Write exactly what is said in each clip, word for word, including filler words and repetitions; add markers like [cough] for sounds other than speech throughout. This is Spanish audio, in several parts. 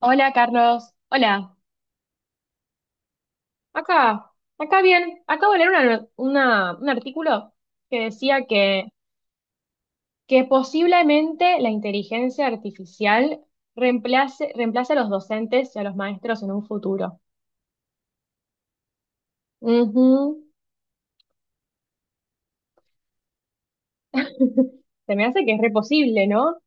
Hola, Carlos. Hola. Acá, acá bien. Acabo de leer una- una- un artículo que decía que, que posiblemente la inteligencia artificial reemplace, reemplace a los docentes y a los maestros en un futuro. Ujú. [laughs] Se me hace que es re posible, ¿no?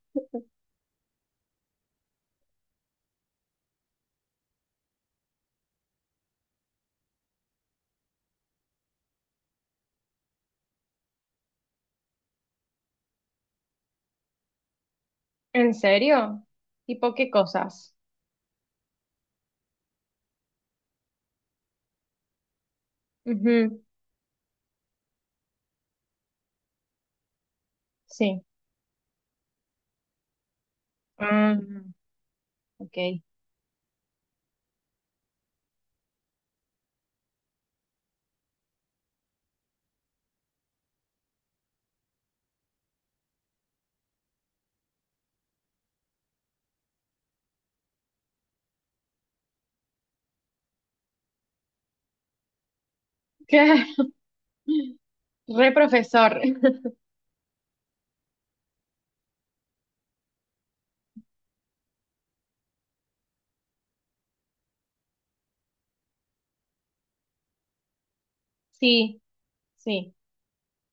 ¿En serio? ¿Tipo qué cosas? Ujú. Sí. Mm, ok. [laughs] Re profesor. Sí, sí.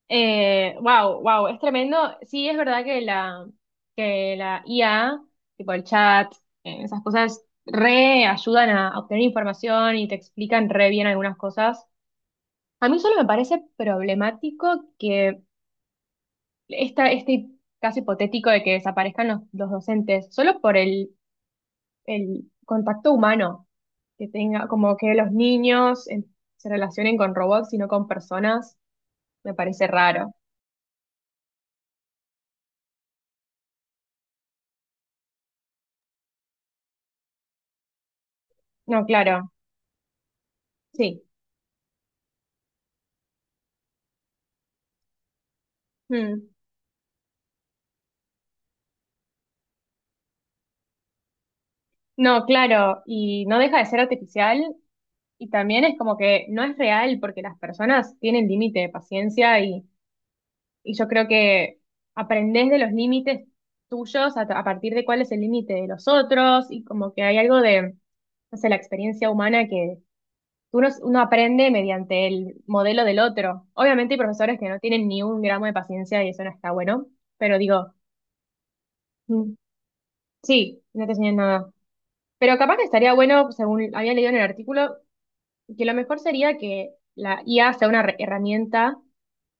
Eh, wow, wow, es tremendo. Sí, es verdad que la, que la I A, tipo el chat, eh, esas cosas re ayudan a a obtener información y te explican re bien algunas cosas. A mí solo me parece problemático que esta, este caso hipotético de que desaparezcan los, los docentes, solo por el, el contacto humano, que tenga, como que los niños eh, se relacionen con robots y no con personas, me parece raro. No, claro, sí. Mm. No, claro, y no deja de ser artificial y también es como que no es real porque las personas tienen límite de paciencia y, y yo creo que aprendés de los límites tuyos a, a partir de cuál es el límite de los otros y como que hay algo de, no sé, la experiencia humana que uno, uno aprende mediante el modelo del otro. Obviamente hay profesores que no tienen ni un gramo de paciencia y eso no está bueno, pero digo, mm, sí, no te enseñan nada. Pero capaz que estaría bueno, según había leído en el artículo, que lo mejor sería que la I A sea una re- herramienta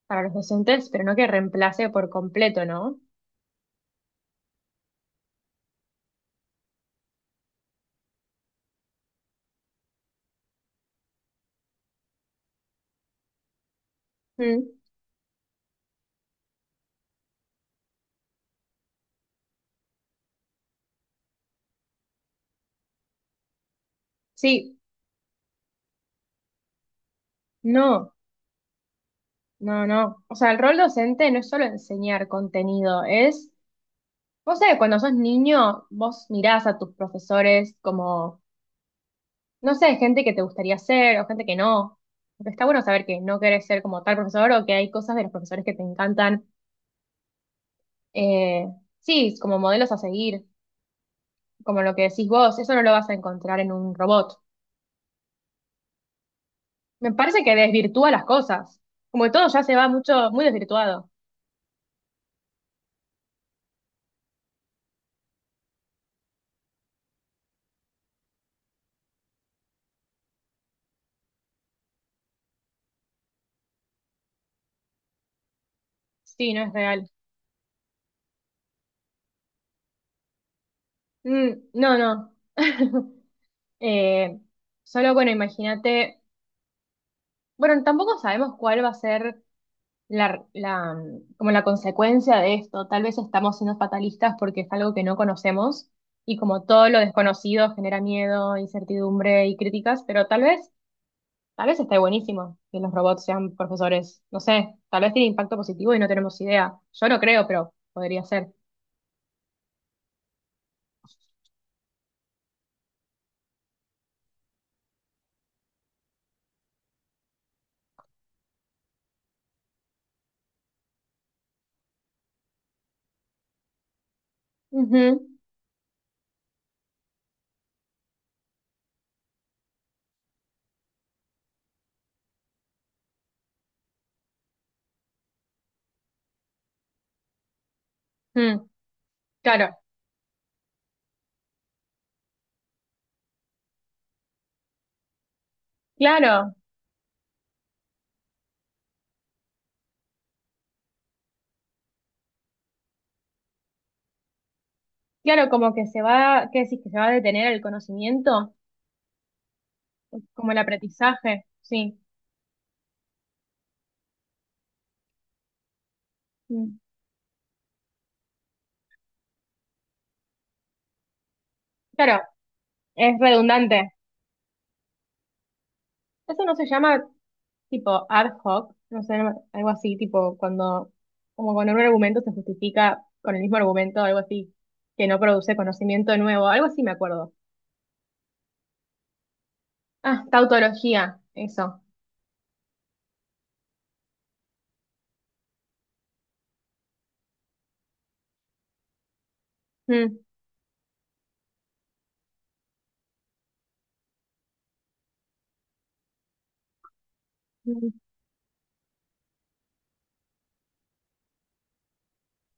para los docentes, pero no que reemplace por completo, ¿no? Mm, sí, no, no, no. O sea, el rol docente no es solo enseñar contenido, es, vos sé, cuando sos niño, vos mirás a tus profesores como, no sé, gente que te gustaría ser o gente que no. Porque está bueno saber que no querés ser como tal profesor o que hay cosas de los profesores que te encantan. Eh, sí, como modelos a seguir, como lo que decís vos, eso no lo vas a encontrar en un robot. Me parece que desvirtúa las cosas. Como que todo ya se va mucho, muy desvirtuado. Sí, no es real. Mm, no, no. [laughs] Eh, solo, bueno, imagínate. Bueno, tampoco sabemos cuál va a ser la, la, mm, como la consecuencia de esto. Tal vez estamos siendo fatalistas porque es algo que no conocemos. Y como todo lo desconocido genera miedo, incertidumbre y críticas, pero tal vez tal vez esté buenísimo que los robots sean profesores. No sé, tal vez tiene impacto positivo y no tenemos idea. Yo no creo, pero podría ser. Ujú, mm, claro, claro, claro, como que se va, ¿qué decís? Que se va a detener el conocimiento, como el aprendizaje, sí. Mm, claro, es redundante. Eso no se llama tipo ad hoc, no sé, algo así, tipo cuando, como cuando un argumento se justifica con el mismo argumento, algo así, que no produce conocimiento nuevo, algo así me acuerdo. Ah, tautología, eso. Mm, mm,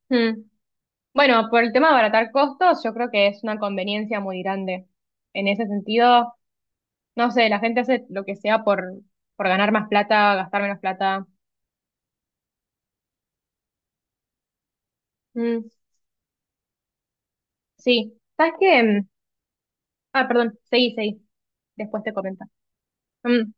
mm. Bueno, por el tema de abaratar costos, yo creo que es una conveniencia muy grande. En ese sentido, no sé, la gente hace lo que sea por, por ganar más plata, gastar menos plata. Mm, sí. ¿Sabes qué? Mm, ah, perdón, seguí, seguí. Después te comento. Mm,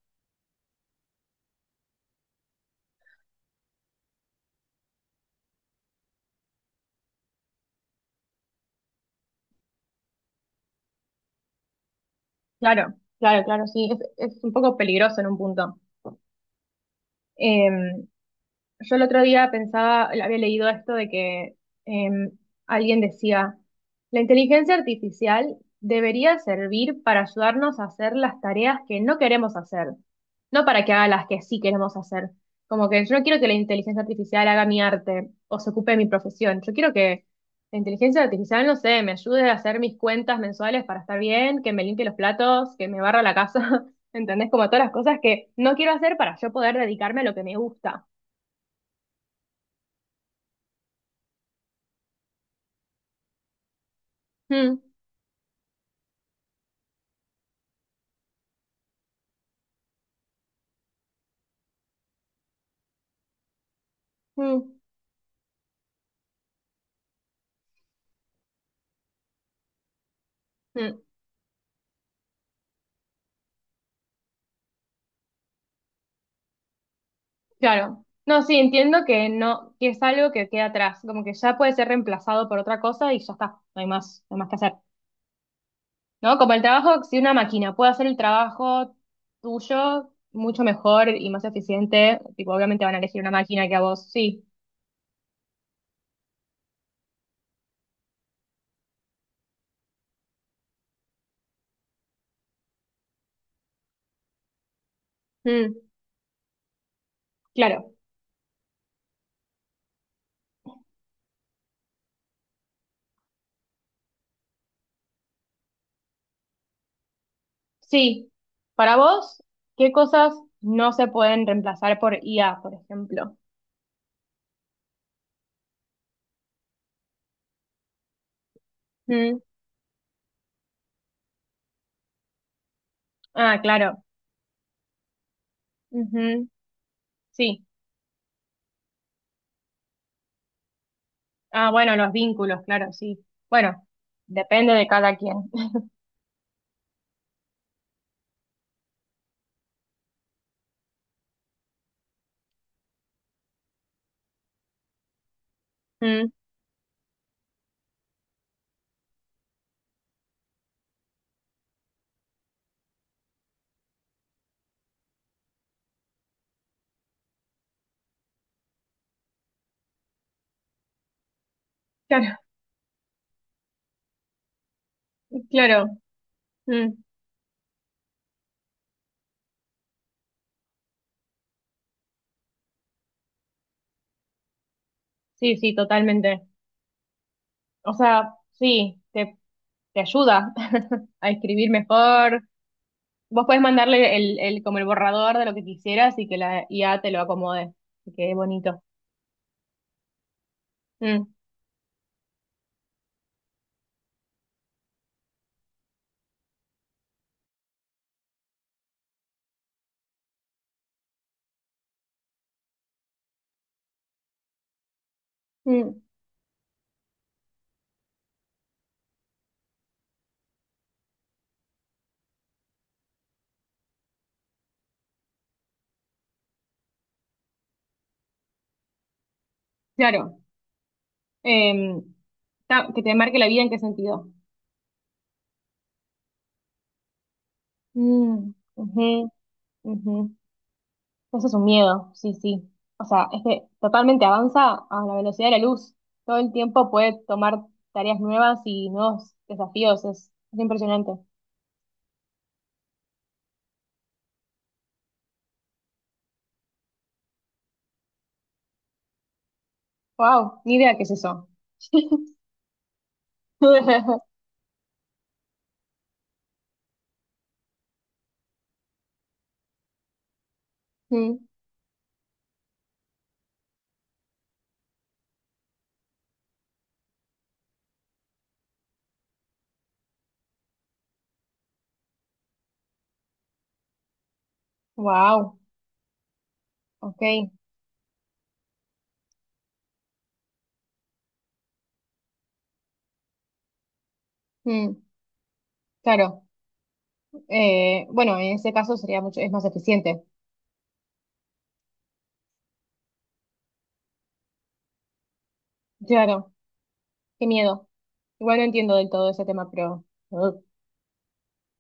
claro, claro, claro, sí. Es, es un poco peligroso en un punto. Em, Yo el otro día pensaba, había leído esto de que em, alguien decía, la inteligencia artificial debería servir para ayudarnos a hacer las tareas que no queremos hacer, no para que haga las que sí queremos hacer. Como que yo no quiero que la inteligencia artificial haga mi arte o se ocupe de mi profesión. Yo quiero que la inteligencia artificial, no sé, me ayude a hacer mis cuentas mensuales para estar bien, que me limpie los platos, que me barra la casa. [laughs] ¿Entendés? Como todas las cosas que no quiero hacer para yo poder dedicarme a lo que me gusta. Mm. Mm, mm, claro. No, sí, entiendo que no, que es algo que queda atrás, como que ya puede ser reemplazado por otra cosa y ya está, no hay más, no hay más que hacer. ¿No? Como el trabajo, si una máquina puede hacer el trabajo tuyo mucho mejor y más eficiente, tipo, obviamente van a elegir una máquina que a vos. Sí. Mm, claro. Sí. Para vos, ¿qué cosas no se pueden reemplazar por I A, por ejemplo? Mm, ah, claro. Ujú, sí. Ah, bueno, los vínculos, claro, sí. Bueno, depende de cada quien. [laughs] Mm, claro, claro. Mm, sí, sí, totalmente. O sea, sí, te, te ayuda [laughs] a escribir mejor. Vos podés mandarle el, el, como el borrador de lo que quisieras y que la I A te lo acomode. Que quede bonito. Mm, mm, claro. Em, ta- que te marque la vida en qué sentido. Mm, ujú, ujú. Eso es un miedo, sí, sí. O sea, es que totalmente avanza a la velocidad de la luz. Todo el tiempo puede tomar tareas nuevas y nuevos desafíos. Es, es impresionante. Wow, ni idea qué es eso. [laughs] Wow, ok. Mm, claro. Eh, bueno, en ese caso sería mucho, es más eficiente. Claro, qué miedo. Igual no entiendo del todo ese tema, pero. Ugh.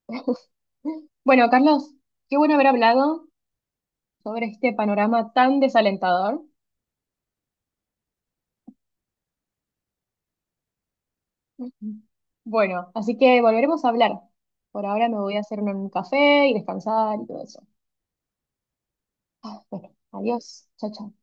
[laughs] Bueno, Carlos, qué bueno haber hablado sobre este panorama tan desalentador. Ujú. Bueno, así que volveremos a hablar. Por ahora me voy a hacer un café y descansar y todo eso. Ah, bueno, adiós. Chao, chao.